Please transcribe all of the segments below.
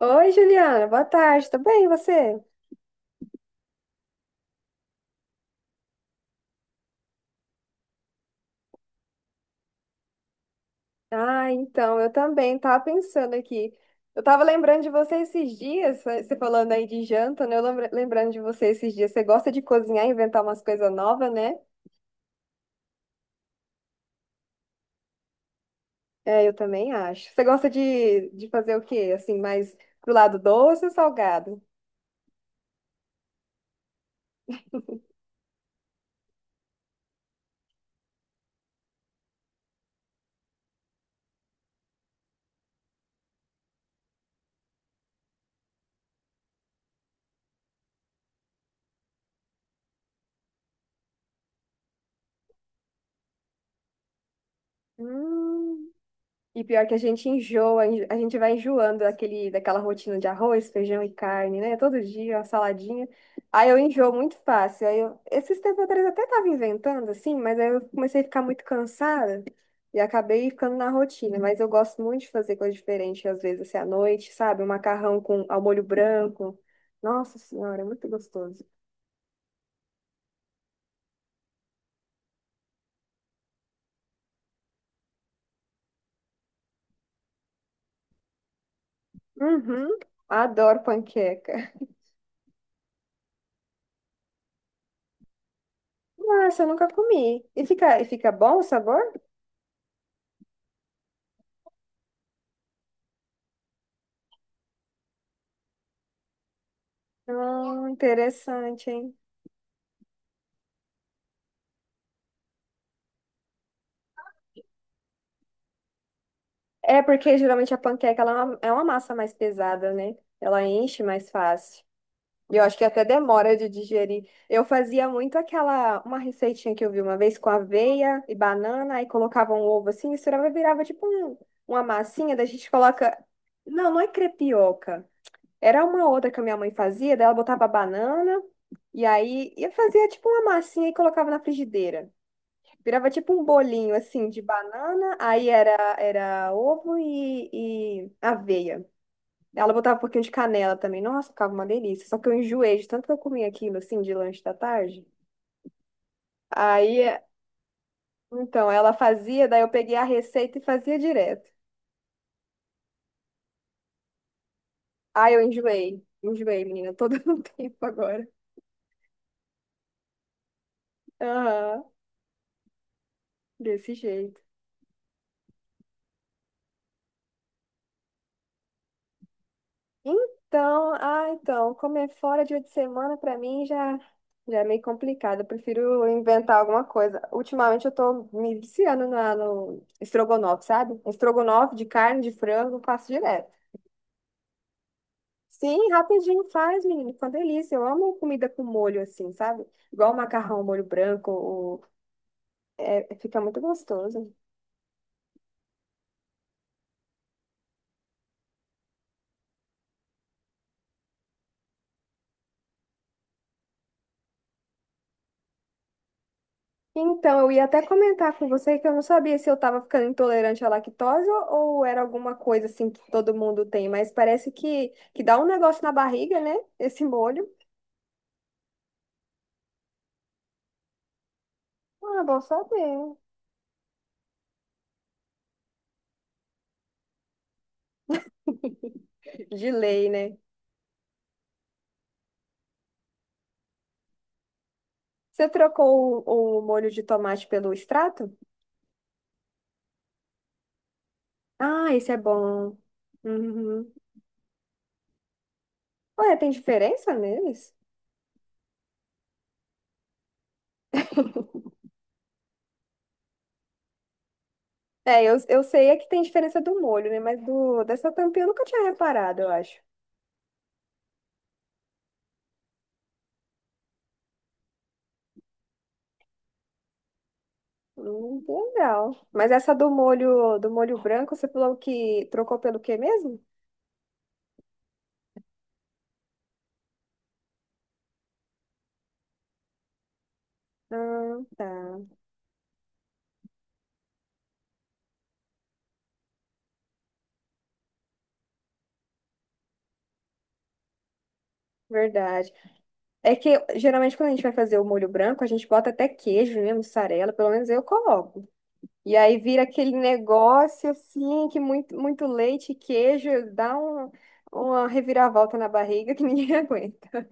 Oi, Juliana, boa tarde, tudo bem, e você? Ah, então, eu também tava pensando aqui. Eu tava lembrando de você esses dias, você falando aí de janta, né? Lembrando de você esses dias. Você gosta de cozinhar, inventar umas coisas novas, né? É, eu também acho. Você gosta de fazer o quê? Assim, mais pro lado doce ou salgado? Hum. E pior que a gente a gente vai enjoando daquela rotina de arroz, feijão e carne, né? Todo dia, uma saladinha. Aí eu enjoo muito fácil. Aí eu, esses tempos atrás eu até tava inventando, assim, mas aí eu comecei a ficar muito cansada e acabei ficando na rotina. Mas eu gosto muito de fazer coisa diferente, às vezes, assim, à noite, sabe? Um macarrão com ao molho branco. Nossa Senhora, é muito gostoso. Uhum, adoro panqueca. Nossa, eu nunca comi. E fica bom o sabor? Interessante, hein? É porque geralmente a panqueca ela é uma massa mais pesada, né? Ela enche mais fácil. E eu acho que até demora de digerir. Eu fazia muito aquela, uma receitinha que eu vi uma vez com aveia e banana, aí colocava um ovo assim, misturava e virava tipo uma massinha, da gente coloca. Não é crepioca. Era uma outra que a minha mãe fazia, daí ela botava banana, e aí eu fazia tipo uma massinha e colocava na frigideira. Virava tipo um bolinho assim de banana, aí era, era ovo e aveia. Ela botava um pouquinho de canela também. Nossa, ficava uma delícia. Só que eu enjoei de tanto que eu comia aquilo assim de lanche da tarde. Aí, então, ela fazia, daí eu peguei a receita e fazia direto. Aí eu enjoei. Enjoei, menina, todo o tempo agora. Aham, desse jeito. Então, ah, então, comer fora dia de semana pra mim já, já é meio complicado. Eu prefiro inventar alguma coisa. Ultimamente eu tô me viciando no estrogonofe, sabe? Estrogonofe de carne, de frango, eu faço direto. Sim, rapidinho faz, menino. Fica uma delícia. Eu amo comida com molho assim, sabe? Igual macarrão, molho branco, é, fica muito gostoso. Então, eu ia até comentar com você que eu não sabia se eu estava ficando intolerante à lactose ou era alguma coisa assim que todo mundo tem, mas parece que dá um negócio na barriga, né? Esse molho. Ah, bom saber. De lei, né? Você trocou o molho de tomate pelo extrato? Ah, esse é bom. Uhum. Ué, tem diferença neles? É, eu sei é que tem diferença do molho, né? Mas do, dessa tampinha eu nunca tinha reparado, eu acho. Legal. Mas essa do molho branco, você falou que trocou pelo quê mesmo? Ah, tá. Verdade. É que geralmente quando a gente vai fazer o molho branco, a gente bota até queijo, né? Mussarela, pelo menos eu coloco. E aí vira aquele negócio assim, que muito, muito leite e queijo dá uma reviravolta na barriga que ninguém aguenta.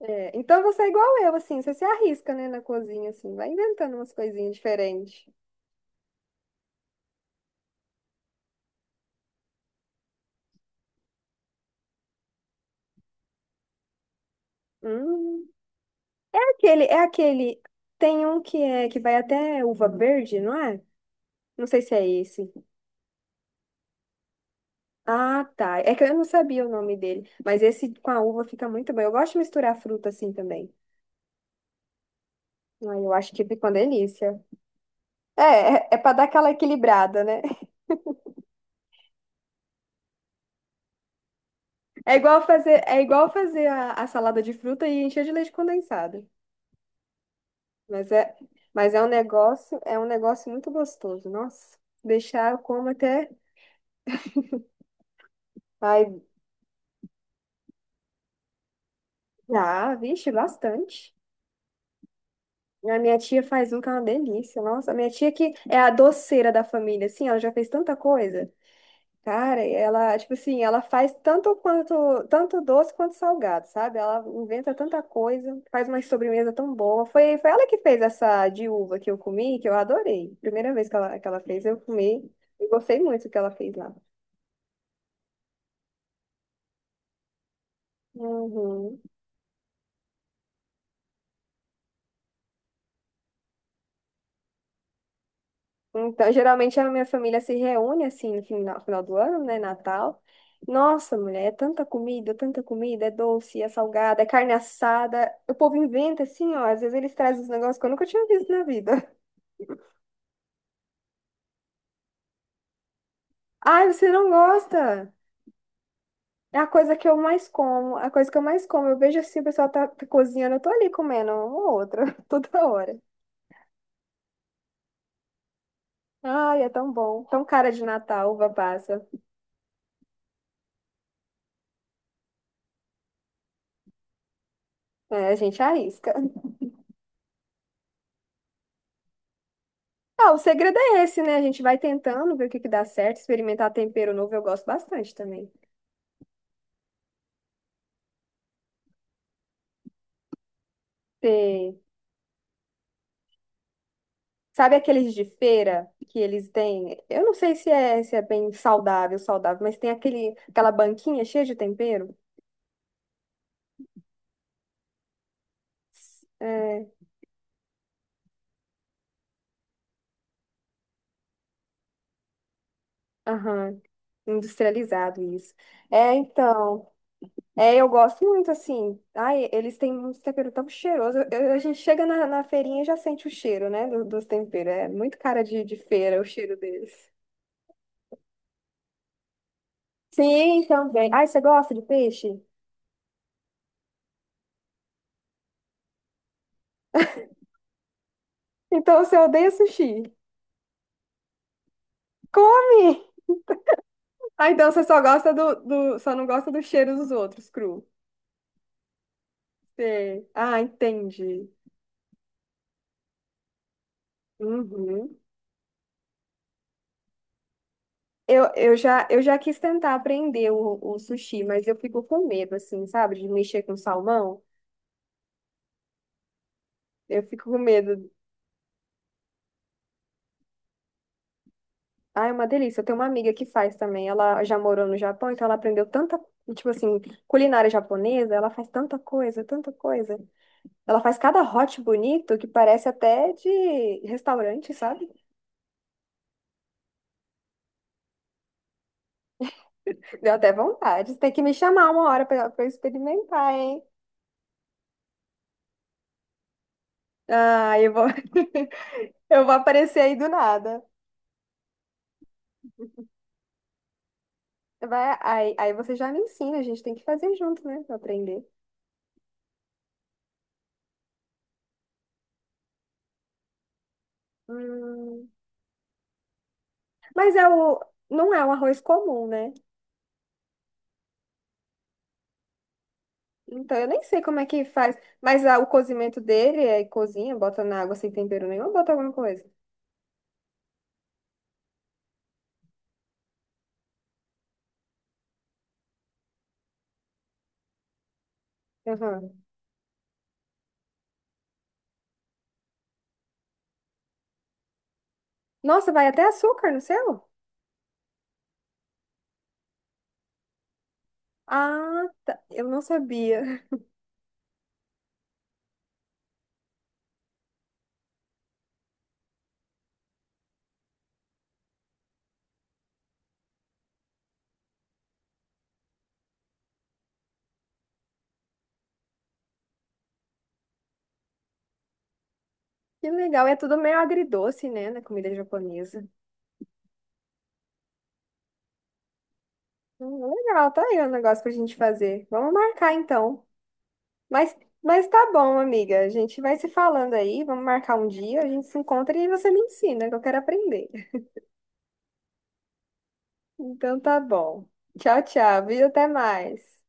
É, então você é igual eu, assim, você se arrisca, né, na cozinha, assim, vai inventando umas coisinhas diferentes. Hum. Aquele, é aquele. Tem um que é que vai até uva verde, não é? Não sei se é esse. Ah, tá. É que eu não sabia o nome dele. Mas esse com a uva fica muito bom. Eu gosto de misturar fruta assim também. Ai, eu acho que fica uma delícia. É, é, é pra dar aquela equilibrada, né? É igual fazer a salada de fruta e encher de leite condensado. Mas é, mas é um negócio muito gostoso. Nossa, deixar eu como até. Ai, ah, vixe, bastante. A minha tia faz um que é uma delícia. Nossa, a minha tia que é a doceira da família, assim, ela já fez tanta coisa. Cara, ela, tipo assim, ela faz tanto quanto, tanto doce quanto salgado, sabe? Ela inventa tanta coisa, faz uma sobremesa tão boa. Foi ela que fez essa de uva que eu comi, que eu adorei. Primeira vez que ela fez, eu comi e gostei muito do que ela fez lá. Uhum. Então, geralmente a minha família se reúne assim no final, final do ano, né? Natal. Nossa, mulher, é tanta comida, é doce, é salgada, é carne assada. O povo inventa assim, ó. Às vezes eles trazem uns negócios que eu nunca tinha visto na vida. Ai, você não gosta? É a coisa que eu mais como, a coisa que eu mais como. Eu vejo assim, o pessoal tá cozinhando, eu tô ali comendo uma ou outra, toda hora. Ai, é tão bom, tão cara de Natal, uva passa. É, a gente arrisca. Ah, o segredo é esse, né? A gente vai tentando ver o que que dá certo, experimentar tempero novo, eu gosto bastante também. Tem- Sabe aqueles de feira que eles têm? Eu não sei se é bem saudável, mas tem aquele, aquela banquinha cheia de tempero. É, aham, industrializado isso. É, então, é, eu gosto muito, assim. Ai, eles têm um tempero tão cheiroso. A gente chega na feirinha e já sente o cheiro, né, dos temperos. É muito cara de feira o cheiro deles. Sim, também. Ai, você gosta de peixe? Então você odeia sushi. Come! Ah, então você só gosta só não gosta do cheiro dos outros, cru. Sei. Ah, entendi. Uhum. Eu já quis tentar aprender o sushi, mas eu fico com medo, assim, sabe? De mexer com salmão. Eu fico com medo. Ah, é uma delícia. Eu tenho uma amiga que faz também. Ela já morou no Japão, então ela aprendeu tanta, tipo assim, culinária japonesa. Ela faz tanta coisa, tanta coisa. Ela faz cada hot bonito que parece até de restaurante, sabe? Deu até vontade. Você Tem que me chamar uma hora pra eu experimentar, hein? Ah, eu vou, eu vou aparecer aí do nada. Vai, aí, aí você já me ensina, a gente tem que fazer junto, né? Pra aprender. Hum, mas é o, não é um arroz comum, né? Então eu nem sei como é que faz. Mas ah, o cozimento dele é cozinha, bota na água sem tempero nenhum, ou bota alguma coisa. Aham. Nossa, vai até açúcar no seu? Ah, tá. Eu não sabia. Que legal. É tudo meio agridoce, né? Na comida japonesa. Legal, tá aí o negócio pra gente fazer. Vamos marcar então. Mas, mas tá bom, amiga. A gente vai se falando aí. Vamos marcar um dia. A gente se encontra e você me ensina, que eu quero aprender. Então tá bom. Tchau, tchau. Viu? Até mais.